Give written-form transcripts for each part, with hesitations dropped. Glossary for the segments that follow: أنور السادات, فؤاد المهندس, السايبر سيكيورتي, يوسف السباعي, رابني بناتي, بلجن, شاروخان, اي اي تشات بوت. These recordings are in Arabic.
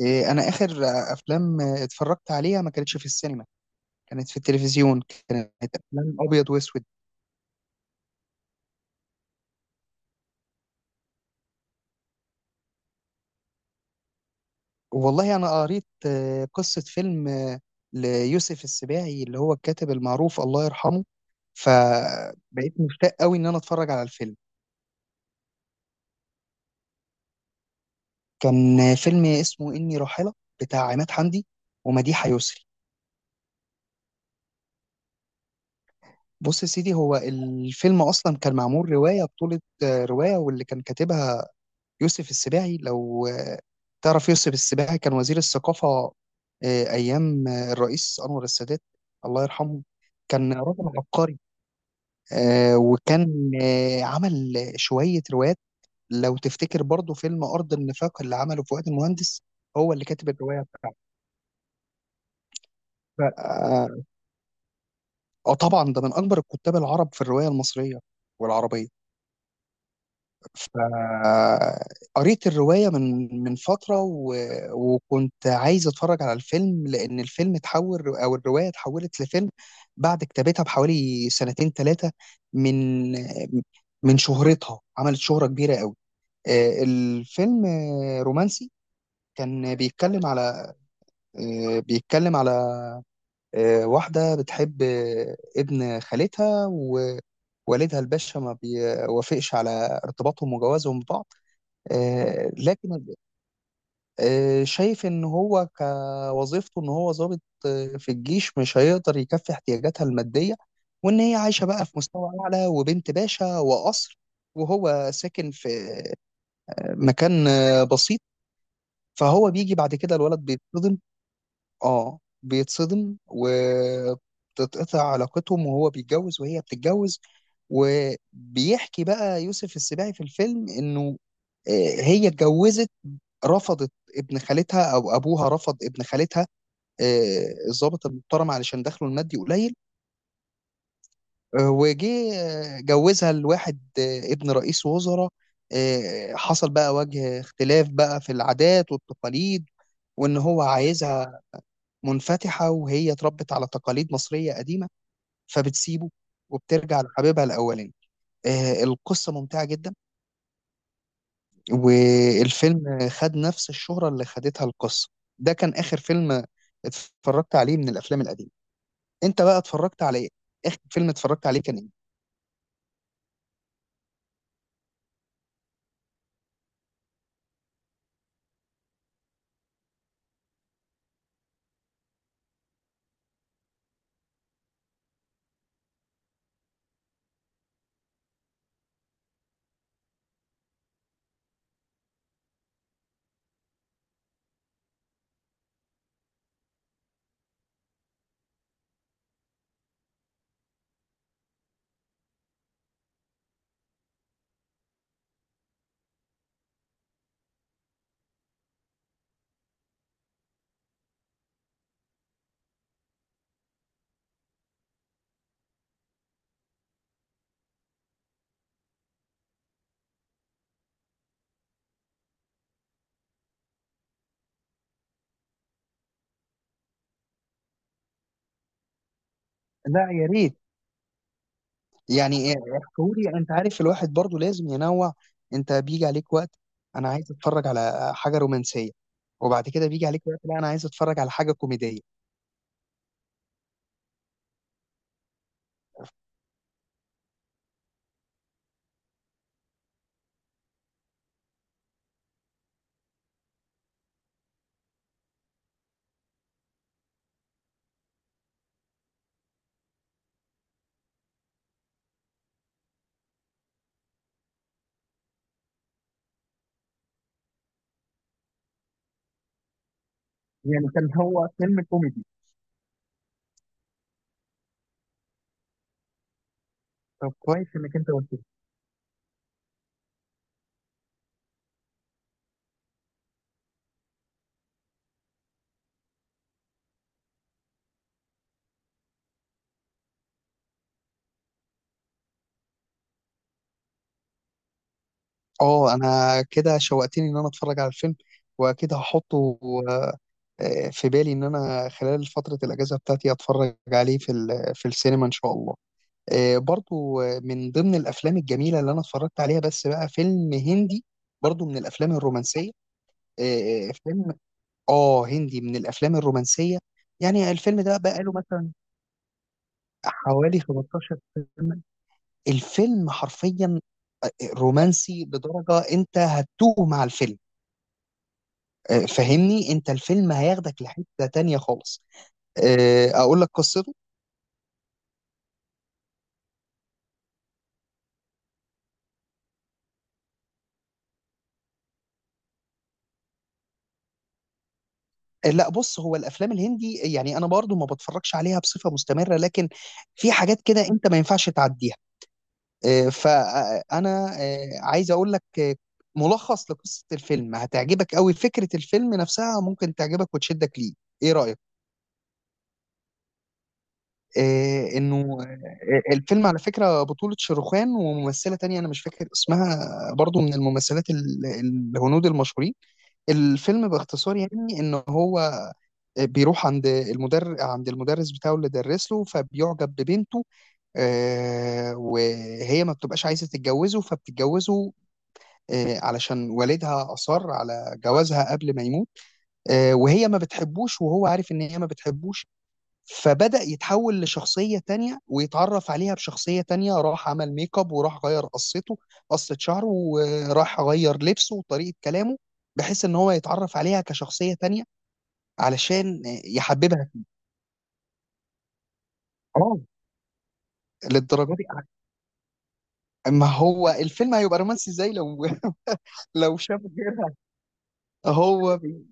إيه، انا اخر افلام اتفرجت عليها ما كانتش في السينما. كانت في التلفزيون. كانت افلام ابيض واسود. والله انا قريت قصة فيلم ليوسف السباعي اللي هو الكاتب المعروف الله يرحمه. فبقيت مشتاق قوي ان انا اتفرج على الفيلم. كان فيلم اسمه اني راحلة، بتاع عماد حمدي ومديحة يسري. بص يا سيدي، هو الفيلم اصلا كان معمول رواية بطولة رواية، واللي كان كاتبها يوسف السباعي. لو تعرف، يوسف السباعي كان وزير الثقافة أيام الرئيس أنور السادات الله يرحمه. كان راجل عبقري. وكان عمل شوية روايات. لو تفتكر برضو فيلم أرض النفاق اللي عمله فؤاد المهندس، هو اللي كاتب الرواية بتاعته. ف- آه طبعا ده من أكبر الكتاب العرب في الرواية المصرية والعربية. فقريت الرواية من فترة وكنت عايز اتفرج على الفيلم لأن الفيلم اتحول، أو الرواية اتحولت لفيلم بعد كتابتها بحوالي سنتين ثلاثة من من شهرتها. عملت شهرة كبيرة قوي. الفيلم رومانسي، كان بيتكلم على آه، بيتكلم على واحدة بتحب ابن خالتها، ووالدها الباشا ما بيوافقش على ارتباطهم وجوازهم ببعض. لكن شايف ان هو، كوظيفته ان هو ضابط في الجيش، مش هيقدر يكفي احتياجاتها المادية. وان هي عايشة بقى في مستوى اعلى وبنت باشا وقصر، وهو ساكن في مكان بسيط. فهو بيجي بعد كده، الولد بيتصدم. اه بيتصدم، وتتقطع علاقتهم، وهو بيتجوز وهي بتتجوز. وبيحكي بقى يوسف السباعي في الفيلم انه آه، هي اتجوزت رفضت ابن خالتها، او ابوها رفض ابن خالتها الضابط المحترم علشان دخله المادي قليل. آه، وجه آه، جوزها لواحد ابن رئيس وزراء. حصل بقى وجه اختلاف بقى في العادات والتقاليد، وان هو عايزها منفتحة وهي اتربت على تقاليد مصرية قديمة، فبتسيبه وبترجع لحبيبها الاولاني. القصة ممتعة جدا. والفيلم خد نفس الشهرة اللي خدتها القصة. ده كان آخر فيلم اتفرجت عليه من الأفلام القديمة. أنت بقى اتفرجت على إيه؟ آخر فيلم اتفرجت عليه كان إيه؟ لا، يا ريت. يعني إيه؟ احكولي. أنت عارف، الواحد برضو لازم ينوع. أنت بيجي عليك وقت أنا عايز أتفرج على حاجة رومانسية، وبعد كده بيجي عليك وقت لا أنا عايز أتفرج على حاجة كوميدية. يعني كان هو فيلم كوميدي. طب كويس إنك أنت قلت. اه، انا كده شوقتني ان انا اتفرج على الفيلم، واكيد هحطه آه، في بالي ان انا خلال فترة الاجازة بتاعتي اتفرج عليه في في السينما ان شاء الله. برضو من ضمن الافلام الجميلة اللي انا اتفرجت عليها بس بقى فيلم هندي، برضو من الافلام الرومانسية. فيلم اه هندي من الافلام الرومانسية. يعني الفيلم ده بقى له مثلا حوالي 15 سنة. الفيلم حرفيا رومانسي لدرجة انت هتتوه مع الفيلم. فهمني، انت الفيلم هياخدك لحتة تانية خالص. اقول لك قصته. لا بص، هو الافلام الهندي يعني انا برضو ما بتفرجش عليها بصفة مستمرة، لكن في حاجات كده انت ما ينفعش تعديها. فانا عايز اقول لك ملخص لقصة الفيلم هتعجبك قوي. فكرة الفيلم نفسها ممكن تعجبك وتشدك ليه. ايه رأيك؟ آه، انه آه، آه، الفيلم على فكرة بطولة شاروخان وممثلة تانية انا مش فاكر اسمها، برضو من الممثلات الهنود المشهورين. الفيلم باختصار يعني ان هو بيروح عند المدرس، بتاعه اللي درس له، فبيعجب ببنته. وهي ما بتبقاش عايزه تتجوزه، فبتتجوزه علشان والدها اصر على جوازها قبل ما يموت. وهي ما بتحبوش، وهو عارف ان هي ما بتحبوش، فبدأ يتحول لشخصية تانية ويتعرف عليها بشخصية تانية. راح عمل ميك اب، وراح غير قصة شعره، وراح غير لبسه وطريقة كلامه، بحيث ان هو يتعرف عليها كشخصية تانية علشان يحببها. اه، للدرجه دي. ما هو الفيلم هيبقى رومانسي ازاي لو لو شاف غيرها. هو بي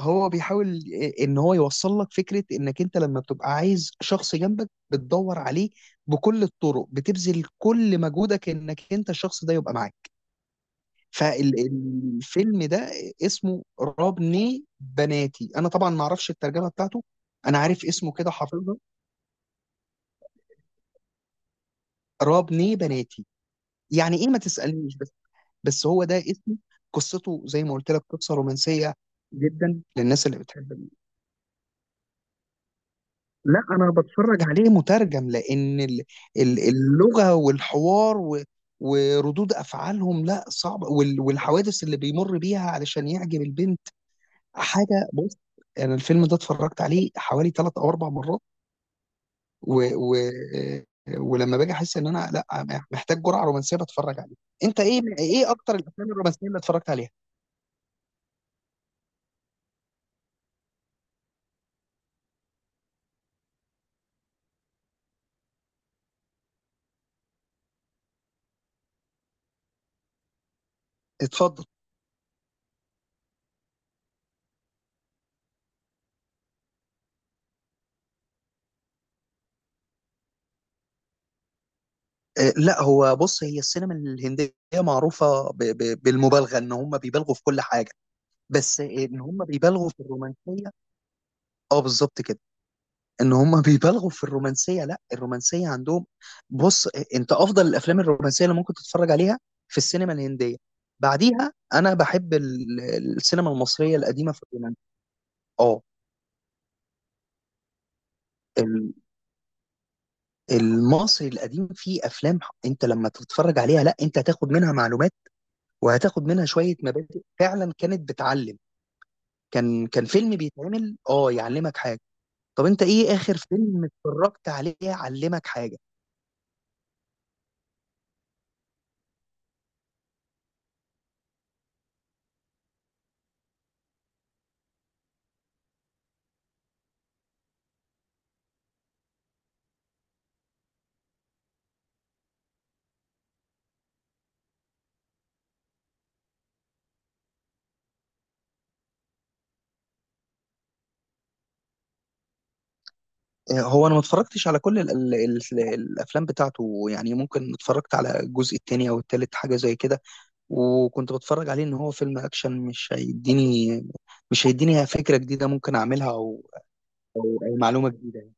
هو بيحاول ان هو يوصل لك فكره انك انت لما بتبقى عايز شخص جنبك بتدور عليه بكل الطرق، بتبذل كل مجهودك انك انت الشخص ده يبقى معاك. فالفيلم ده اسمه رابني بناتي. انا طبعا ما اعرفش الترجمه بتاعته، انا عارف اسمه كده حافظه. رابني بناتي يعني ايه ما تسالنيش، بس هو ده اسمه. قصته زي ما قلت لك قصه رومانسيه جدا للناس اللي بتحب لا انا بتفرج عليه مترجم لان اللغه والحوار وردود افعالهم لا صعبه، والحوادث اللي بيمر بيها علشان يعجب البنت حاجه. بص، انا الفيلم ده اتفرجت عليه حوالي 3 أو 4 مرات و... و... ولما باجي احس ان انا لا محتاج جرعه رومانسيه بتفرج عليه. انت ايه، اكتر الافلام الرومانسيه اللي اتفرجت عليها؟ اتفضل. لا هو بص، هي السينما الهندية معروفة بالمبالغة. ان هم بيبالغوا في كل حاجة، بس ان هم بيبالغوا في الرومانسية. اه، بالظبط كده. ان هم بيبالغوا في الرومانسية، لا الرومانسية عندهم، بص، انت افضل الافلام الرومانسية اللي ممكن تتفرج عليها في السينما الهندية. بعديها انا بحب السينما المصرية القديمة في الرومانسية. اه، ال- المصري القديم فيه افلام انت لما تتفرج عليها لا انت هتاخد منها معلومات، وهتاخد منها شوية مبادئ فعلا كانت بتعلم. كان فيلم بيتعمل اه يعلمك حاجه. طب انت ايه اخر فيلم اتفرجت عليه علمك حاجه؟ هو انا ما اتفرجتش على كل ال ال ال الافلام بتاعته، يعني ممكن اتفرجت على الجزء الثاني او الثالث حاجه زي كده. وكنت بتفرج عليه ان هو فيلم اكشن، مش هيديني فكره جديده ممكن اعملها، او او أو معلومه جديده يعني.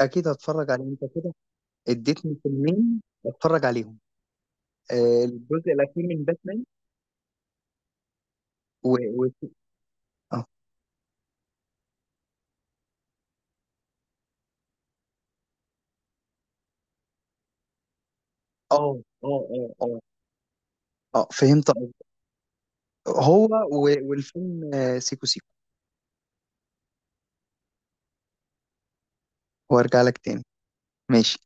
اكيد هتفرج عليه انت كده، اديتني فيلمين اتفرج عليهم. الجزء الاخير من باتمان و... و... اه، اه، اه، اه، اه، فهمت. هو والفيلم سيكو سيكو. وارجع لك تاني. ماشي.